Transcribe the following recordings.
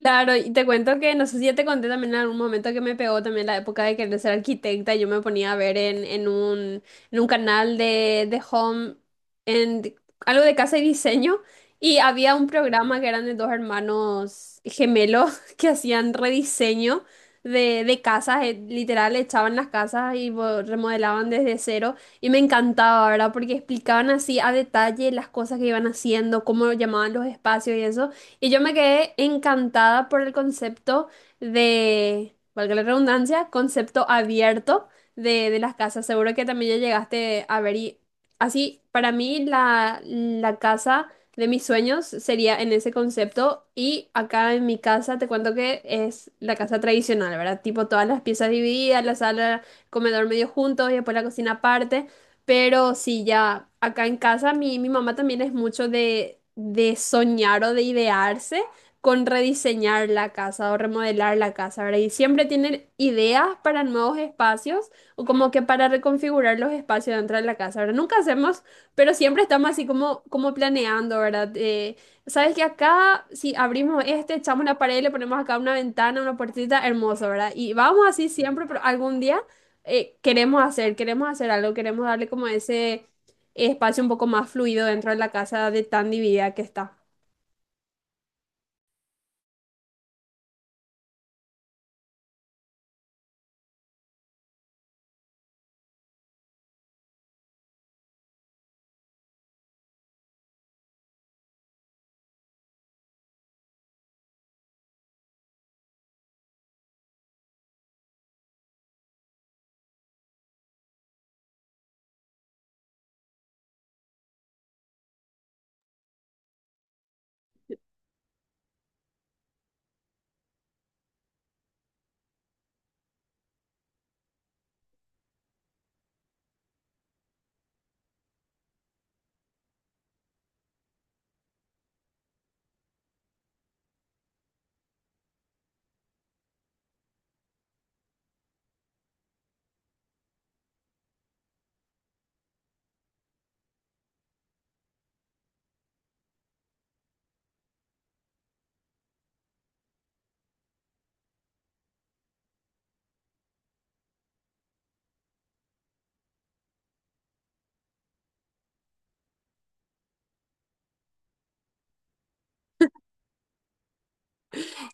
Claro, y te cuento que no sé si ya te conté también en algún momento que me pegó también la época de querer ser arquitecta. Yo me ponía a ver en un canal de home, en de- algo de casa y diseño, y había un programa que eran de dos hermanos gemelos que hacían rediseño de casas, literal, echaban las casas y remodelaban desde cero. Y me encantaba, ¿verdad? Porque explicaban así a detalle las cosas que iban haciendo, cómo llamaban los espacios y eso. Y yo me quedé encantada por el concepto de, valga la redundancia, concepto abierto de las casas. Seguro que también ya llegaste a ver y así, para mí la casa de mis sueños sería en ese concepto, y acá en mi casa te cuento que es la casa tradicional, ¿verdad? Tipo todas las piezas divididas, la sala, comedor medio juntos y después la cocina aparte. Pero sí, ya acá en casa mi mamá también es mucho de soñar o de idearse con rediseñar la casa o remodelar la casa, ¿verdad? Y siempre tiene ideas para nuevos espacios o como que para reconfigurar los espacios dentro de la casa, ¿verdad? Nunca hacemos, pero siempre estamos así como, como planeando, ¿verdad? Sabes que acá, si abrimos este, echamos la pared, le ponemos acá una ventana, una puertita, hermoso, ¿verdad? Y vamos así siempre, pero algún día queremos hacer algo, queremos darle como ese espacio un poco más fluido dentro de la casa de tan dividida que está.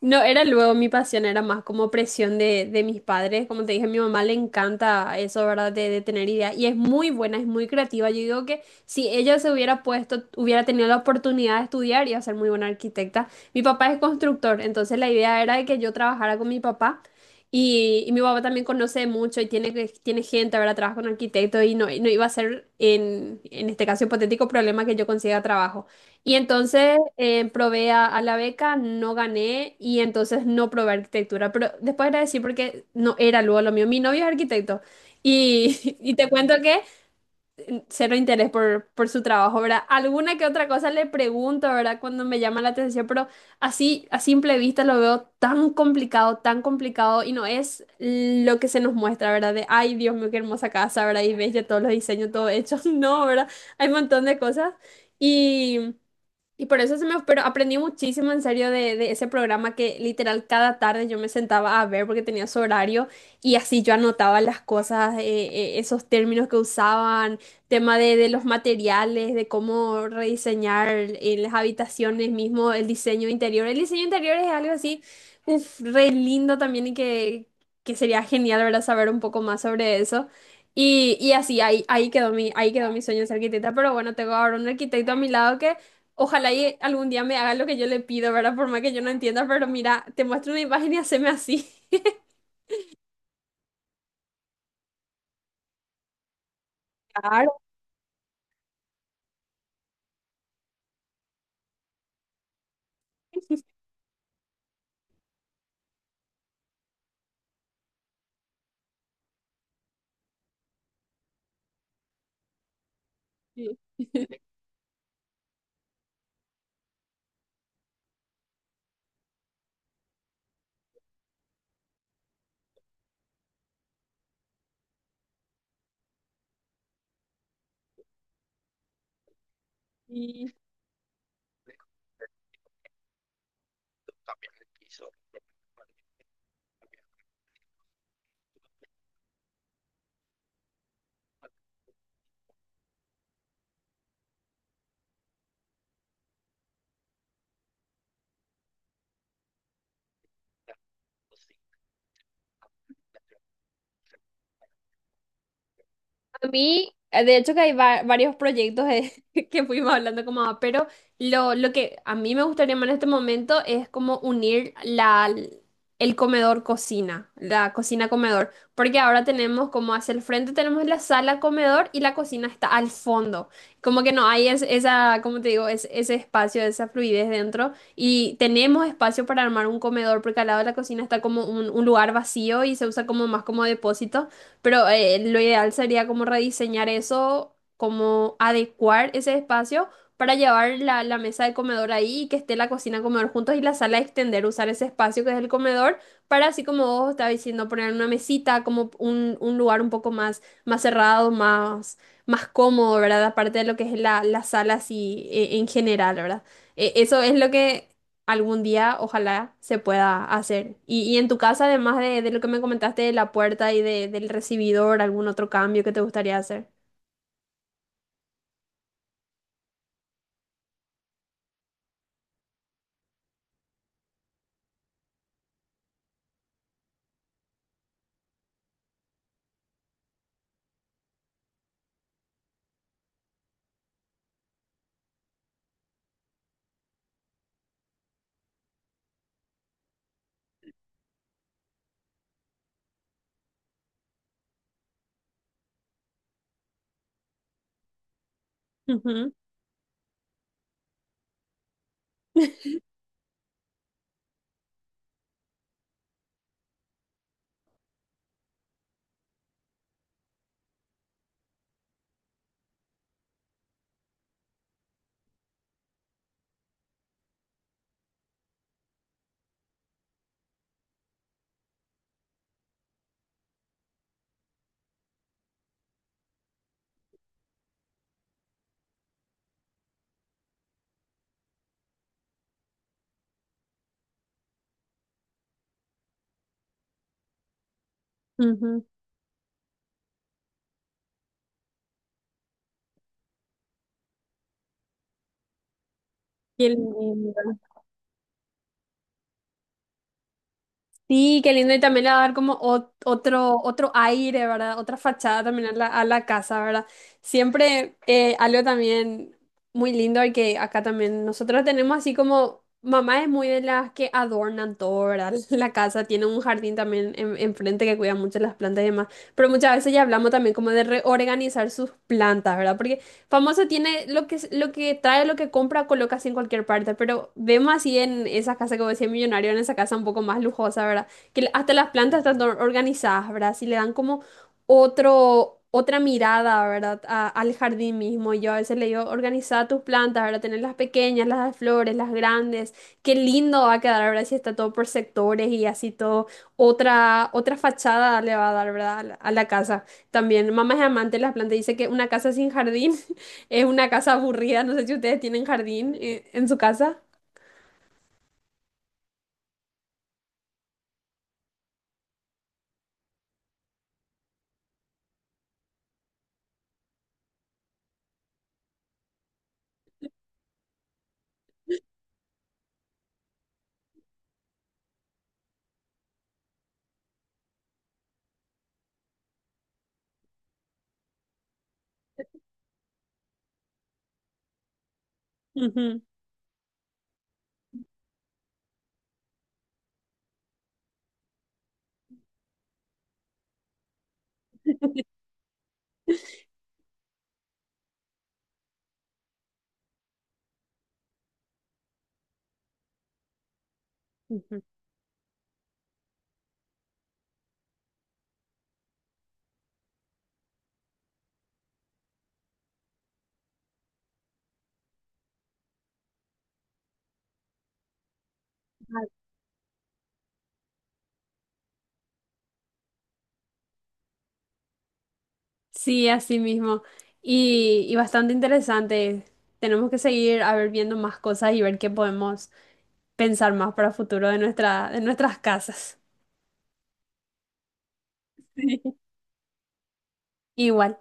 No, era luego mi pasión, era más como presión de mis padres. Como te dije, a mi mamá le encanta eso, ¿verdad? De tener ideas. Y es muy buena, es muy creativa. Yo digo que si ella se hubiera puesto, hubiera tenido la oportunidad de estudiar, iba a ser muy buena arquitecta. Mi papá es constructor, entonces la idea era de que yo trabajara con mi papá. Y mi papá también conoce mucho y tiene, tiene gente, ¿verdad? Trabaja con arquitectos y no, no iba a ser, en este caso hipotético, problema que yo consiga trabajo. Y entonces probé a la beca, no gané y entonces no probé arquitectura. Pero después agradecí porque no era luego lo mío. Mi novio es arquitecto y, y te cuento que cero interés por su trabajo, ¿verdad? Alguna que otra cosa le pregunto, ¿verdad? Cuando me llama la atención, pero así a simple vista lo veo tan complicado y no es lo que se nos muestra, ¿verdad? De, ay, Dios mío, qué hermosa casa, ¿verdad? Y ves ya todos los diseños, todo hecho. No, ¿verdad? Hay un montón de cosas. Y y por eso se me, pero aprendí muchísimo en serio de ese programa que literal cada tarde yo me sentaba a ver porque tenía su horario y así yo anotaba las cosas, esos términos que usaban, tema de los materiales, de cómo rediseñar las habitaciones mismo, el diseño interior. El diseño interior es algo así, uf, re lindo también y que sería genial, ¿verdad? Saber un poco más sobre eso. Y así, ahí, ahí quedó mi sueño de ser arquitecta, pero bueno, tengo ahora un arquitecto a mi lado que ojalá y algún día me haga lo que yo le pido, ¿verdad? Por más que yo no entienda, pero mira, te muestro una imagen y haceme así. Claro. Sí. A mí, de hecho que hay varios proyectos que fuimos hablando como, va, pero lo que a mí me gustaría más en este momento es como unir el comedor cocina, la cocina comedor, porque ahora tenemos como hacia el frente tenemos la sala comedor y la cocina está al fondo, como que no hay esa, como te digo, es, ese espacio, esa fluidez dentro y tenemos espacio para armar un comedor porque al lado de la cocina está como un lugar vacío y se usa como más como depósito. Pero lo ideal sería como rediseñar eso, como adecuar ese espacio para llevar la mesa de comedor ahí y que esté la cocina comedor juntos y la sala extender, usar ese espacio que es el comedor para así como vos estabas diciendo, poner una mesita, como un lugar un poco más, más cerrado, más, más cómodo, ¿verdad? Aparte de lo que es la sala así en general, ¿verdad? Eso es lo que algún día ojalá se pueda hacer. Y en tu casa, además de lo que me comentaste de la puerta y del recibidor, ¿algún otro cambio que te gustaría hacer? Ujú, ujú. Qué lindo. Sí, qué lindo. Y también le va a dar como otro, otro aire, ¿verdad? Otra fachada también a a la casa, ¿verdad? Siempre algo también muy lindo y que acá también nosotros tenemos así como, mamá es muy de las que adornan todo, ¿verdad? La casa tiene un jardín también enfrente que cuida mucho las plantas y demás. Pero muchas veces ya hablamos también como de reorganizar sus plantas, ¿verdad? Porque famoso tiene lo que trae, lo que compra, coloca así en cualquier parte, pero vemos así en esa casa como vos decías millonario, en esa casa un poco más lujosa, ¿verdad? Que hasta las plantas están organizadas, ¿verdad? Así le dan como otro, otra mirada, ¿verdad? Al jardín mismo. Yo a veces le digo, organiza tus plantas, ¿verdad? Tener las pequeñas, las de flores, las grandes. Qué lindo va a quedar, ¿verdad? Si está todo por sectores y así todo. Otra, otra fachada le va a dar, ¿verdad? A a la casa. También, mamá es amante de las plantas. Dice que una casa sin jardín es una casa aburrida, no sé si ustedes tienen jardín en su casa. Ujú, ujú. Sí, así mismo. Y bastante interesante. Tenemos que seguir a ver viendo más cosas y ver qué podemos pensar más para el futuro de nuestras casas. Sí. Igual.